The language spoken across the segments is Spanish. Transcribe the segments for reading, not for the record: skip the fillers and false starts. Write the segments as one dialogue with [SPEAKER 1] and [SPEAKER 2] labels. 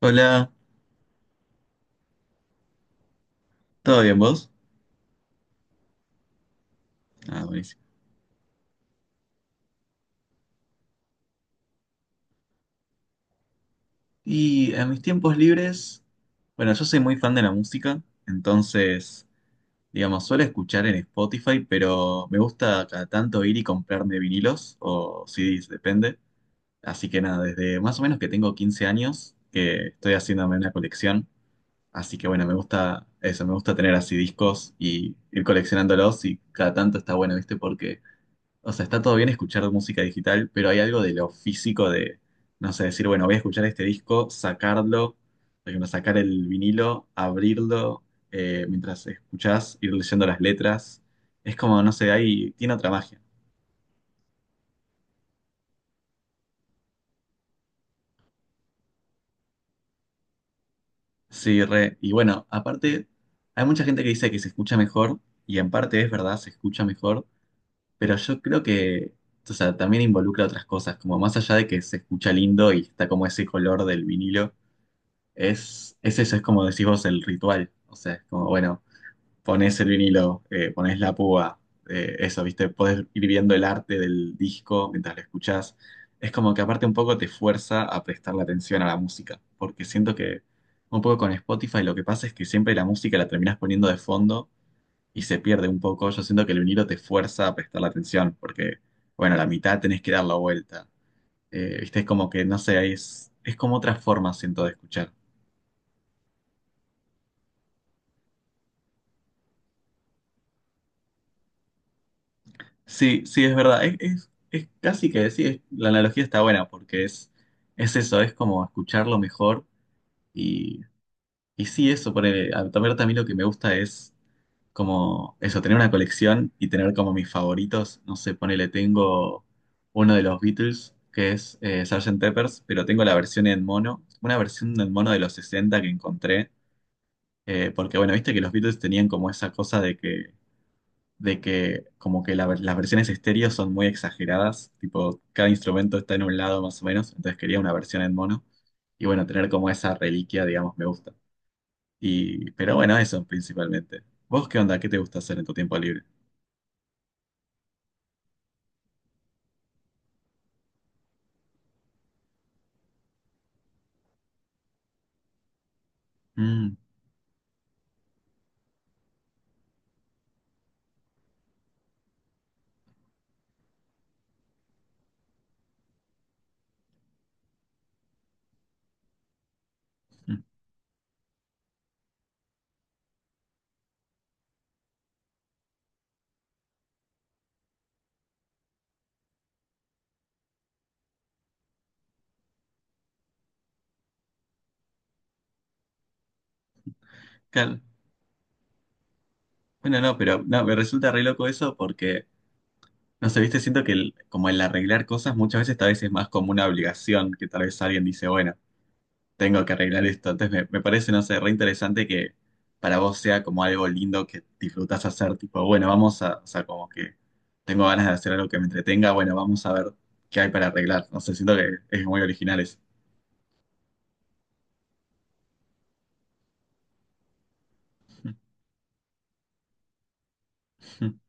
[SPEAKER 1] Hola, ¿todo bien vos? Ah, buenísimo. Y en mis tiempos libres, bueno, yo soy muy fan de la música, entonces, digamos, suelo escuchar en Spotify, pero me gusta cada tanto ir y comprarme vinilos o CDs, depende. Así que nada, desde más o menos que tengo 15 años, que estoy haciéndome una colección. Así que bueno, me gusta eso, me gusta tener así discos y ir coleccionándolos y cada tanto está bueno, ¿viste? O sea, está todo bien escuchar música digital, pero hay algo de lo físico de, no sé, decir, bueno, voy a escuchar este disco, sacarlo, por ejemplo, sacar el vinilo, abrirlo, mientras escuchás, ir leyendo las letras. Es como, no sé, ahí tiene otra magia. Sí, re. Y bueno, aparte, hay mucha gente que dice que se escucha mejor, y en parte es verdad, se escucha mejor, pero yo creo que, o sea, también involucra otras cosas, como más allá de que se escucha lindo y está como ese color del vinilo. Es eso, es como decís vos el ritual. O sea, es como, bueno, ponés el vinilo, ponés la púa, eso, ¿viste? Podés ir viendo el arte del disco mientras lo escuchás. Es como que aparte un poco te fuerza a prestarle atención a la música, porque siento que un poco con Spotify lo que pasa es que siempre la música la terminás poniendo de fondo y se pierde un poco. Yo siento que el vinilo te fuerza a prestarle atención, porque, bueno, la mitad tenés que dar la vuelta. ¿Viste? Es como que, no sé, es como otra forma, siento, de escuchar. Sí, sí, es verdad. Es casi que decir, la analogía está buena porque es eso, es como escucharlo mejor y, y sí, eso, ponele, a ver, también lo que me gusta es como eso, tener una colección y tener como mis favoritos, no sé, ponele, tengo uno de los Beatles que es Sargento Pepper's, pero tengo la versión en mono, una versión en mono de los 60 que encontré, porque bueno, viste que los Beatles tenían como esa cosa de que como que las versiones estéreo son muy exageradas, tipo cada instrumento está en un lado más o menos, entonces quería una versión en mono y bueno, tener como esa reliquia, digamos, me gusta. Y, pero bueno, eso principalmente. ¿Vos qué onda? ¿Qué te gusta hacer en tu tiempo libre? Mm, mm, claro. Bueno, no, pero no, me resulta re loco eso porque, no sé, viste, siento que como el arreglar cosas muchas veces tal vez es más como una obligación, que tal vez alguien dice, bueno. Tengo que arreglar esto. Entonces me parece, no sé, re interesante que para vos sea como algo lindo que disfrutás hacer, tipo, bueno, vamos a, o sea, como que tengo ganas de hacer algo que me entretenga, bueno, vamos a ver qué hay para arreglar. No sé, siento que es muy original eso.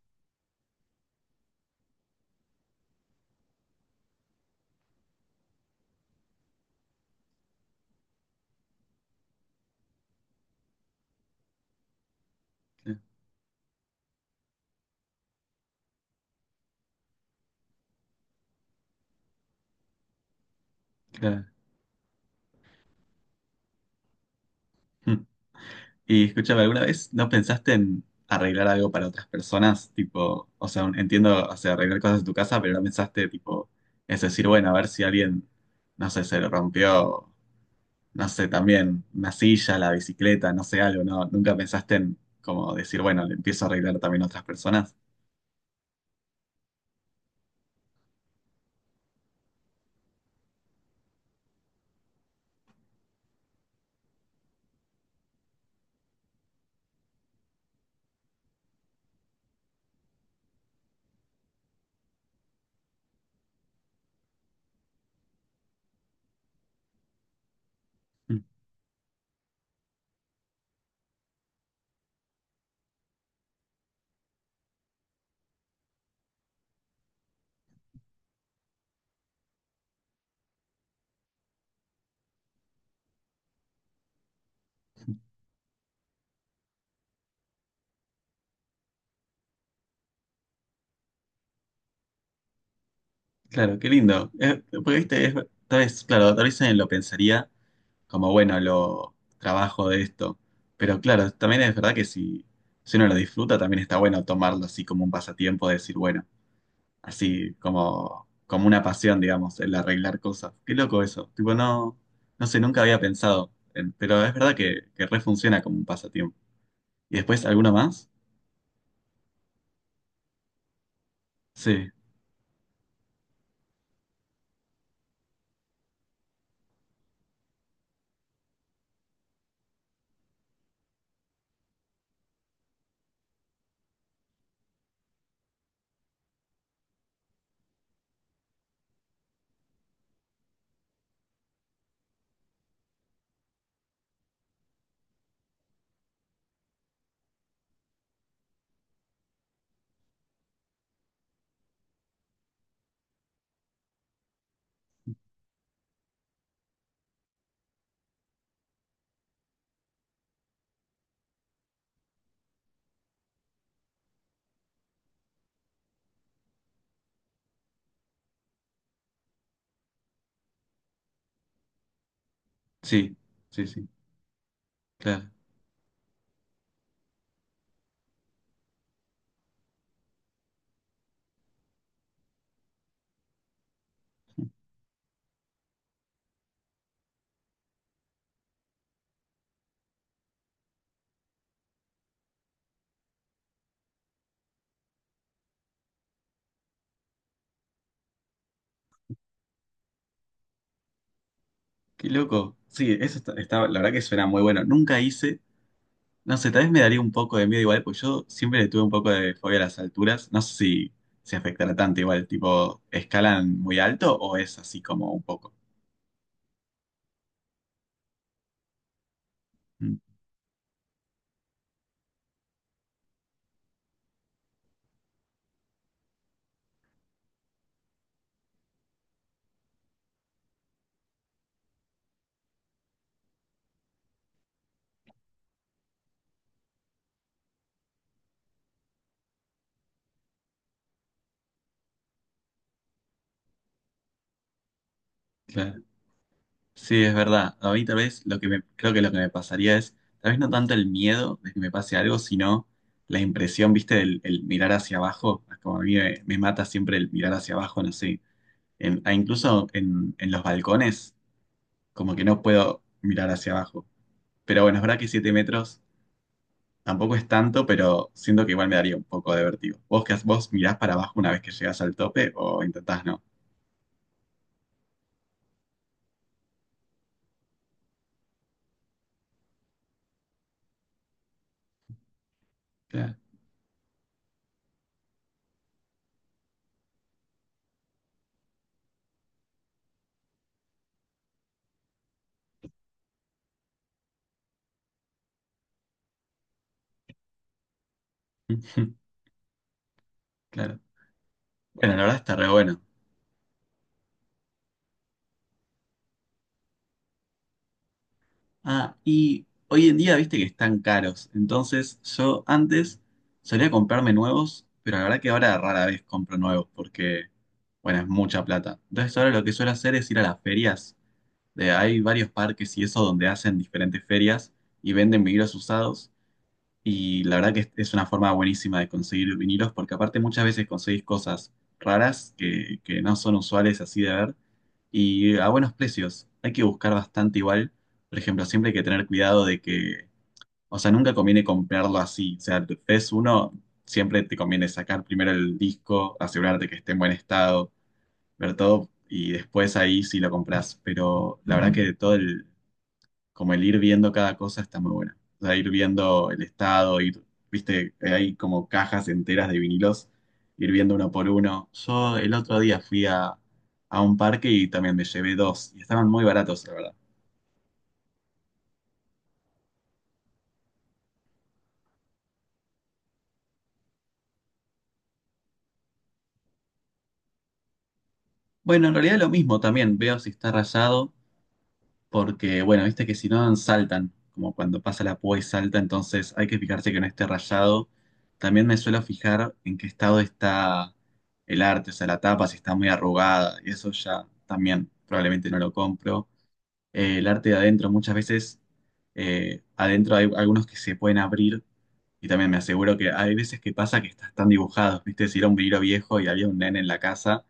[SPEAKER 1] Claro. Hmm. Y escúchame, ¿alguna vez no pensaste en arreglar algo para otras personas? Tipo, o sea, entiendo, o sea, arreglar cosas en tu casa, pero no pensaste, tipo, es decir, bueno, a ver si alguien, no sé, se lo rompió, no sé, también una silla, la bicicleta, no sé, algo, ¿no? ¿Nunca pensaste en como decir, bueno, le empiezo a arreglar también a otras personas? Mm, claro, qué lindo. Porque, viste, tal vez, claro, tal vez alguien lo pensaría como, bueno, lo trabajo de esto. Pero claro, también es verdad que si uno lo disfruta, también está bueno tomarlo así como un pasatiempo, de decir, bueno, así como, como una pasión, digamos, el arreglar cosas. Qué loco eso. Tipo, no, no sé, nunca había pensado, pero es verdad que, re funciona como un pasatiempo. Y después, ¿alguna más? Sí, sí, sí, sí, claro. Qué loco. Sí, eso está, la verdad que suena muy bueno. Nunca hice, no sé, tal vez me daría un poco de miedo igual, pues yo siempre le tuve un poco de fobia a las alturas. No sé si se afectará tanto igual, tipo, ¿escalan muy alto o es así como un poco? Mm, claro. Sí, es verdad. A mí tal vez lo que me, creo que lo que me pasaría es, tal vez no tanto el miedo de que me pase algo, sino la impresión, viste, del el mirar hacia abajo. Como a mí me mata siempre el mirar hacia abajo, no sé a incluso en los balcones, como que no puedo mirar hacia abajo. Pero bueno, es verdad que 7 metros tampoco es tanto, pero siento que igual me daría un poco de vértigo. ¿Vos qué haces? ¿Vos mirás para abajo una vez que llegas al tope o intentás no? Claro. Claro. Bueno, la verdad está re bueno. Ah, y hoy en día viste que están caros. Entonces yo antes solía comprarme nuevos, pero la verdad que ahora rara vez compro nuevos porque, bueno, es mucha plata. Entonces ahora lo que suelo hacer es ir a las ferias de, hay varios parques y eso donde hacen diferentes ferias y venden vinilos usados. Y la verdad que es una forma buenísima de conseguir vinilos porque aparte muchas veces conseguís cosas raras que no son usuales así de ver y a buenos precios. Hay que buscar bastante igual. Por ejemplo, siempre hay que tener cuidado de que, o sea, nunca conviene comprarlo así. O sea, ves uno, siempre te conviene sacar primero el disco, asegurarte que esté en buen estado, ver todo y después ahí sí lo compras. Pero la verdad que todo el como el ir viendo cada cosa está muy buena. O sea, ir viendo el estado, ir, viste, hay como cajas enteras de vinilos, ir viendo uno por uno. Yo el otro día fui a un parque y también me llevé dos y estaban muy baratos, la verdad. Bueno, en realidad lo mismo también, veo si está rayado porque bueno, viste que si no saltan, como cuando pasa la púa y salta, entonces hay que fijarse que no esté rayado. También me suelo fijar en qué estado está el arte, o sea, la tapa, si está muy arrugada, y eso ya también probablemente no lo compro. El arte de adentro, muchas veces adentro hay algunos que se pueden abrir y también me aseguro que hay veces que pasa que estás tan dibujados, ¿viste? Si era un vinilo viejo y había un nene en la casa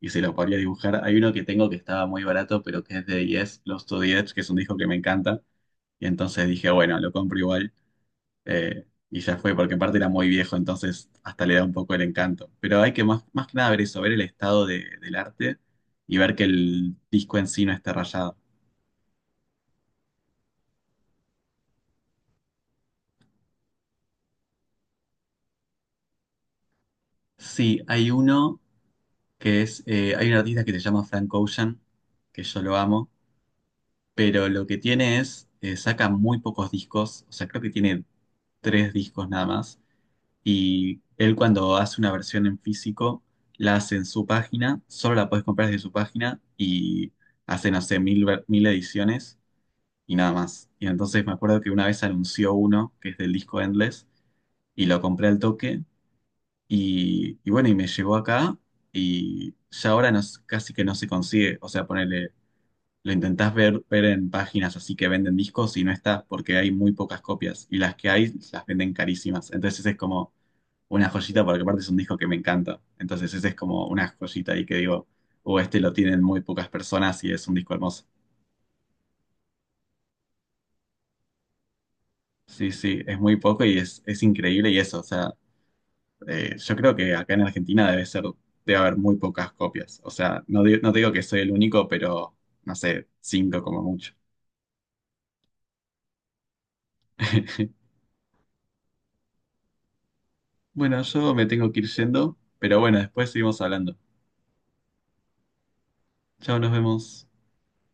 [SPEAKER 1] y se lo podía dibujar. Hay uno que tengo que estaba muy barato, pero que es de Yes, Lost to the Edge, que es un disco que me encanta. Y entonces dije, bueno, lo compro igual. Y ya fue, porque aparte era muy viejo, entonces hasta le da un poco el encanto. Pero hay que más, más que nada ver eso, ver el estado del arte y ver que el disco en sí no esté rayado. Sí, hay uno que es, hay un artista que se llama Frank Ocean, que yo lo amo, pero lo que tiene es, saca muy pocos discos, o sea, creo que tiene tres discos nada más, y él cuando hace una versión en físico, la hace en su página, solo la puedes comprar desde su página, y hace, no sé, mil ediciones y nada más. Y entonces me acuerdo que una vez anunció uno, que es del disco Endless, y lo compré al toque, y, bueno, y me llegó acá, y ya ahora no, casi que no se consigue, o sea, ponerle lo intentás ver, ver en páginas así que venden discos y no está porque hay muy pocas copias y las que hay las venden carísimas. Entonces es como una joyita porque aparte es un disco que me encanta. Entonces ese es como una joyita ahí que digo, o este lo tienen muy pocas personas y es un disco hermoso. Sí, sí, es muy poco y es increíble y eso, o sea, yo creo que acá en Argentina debe ser, debe haber muy pocas copias. O sea, no, no digo que soy el único, pero no sé, cinco como mucho. Bueno, yo me tengo que ir yendo, pero bueno, después seguimos hablando. Chao, nos vemos.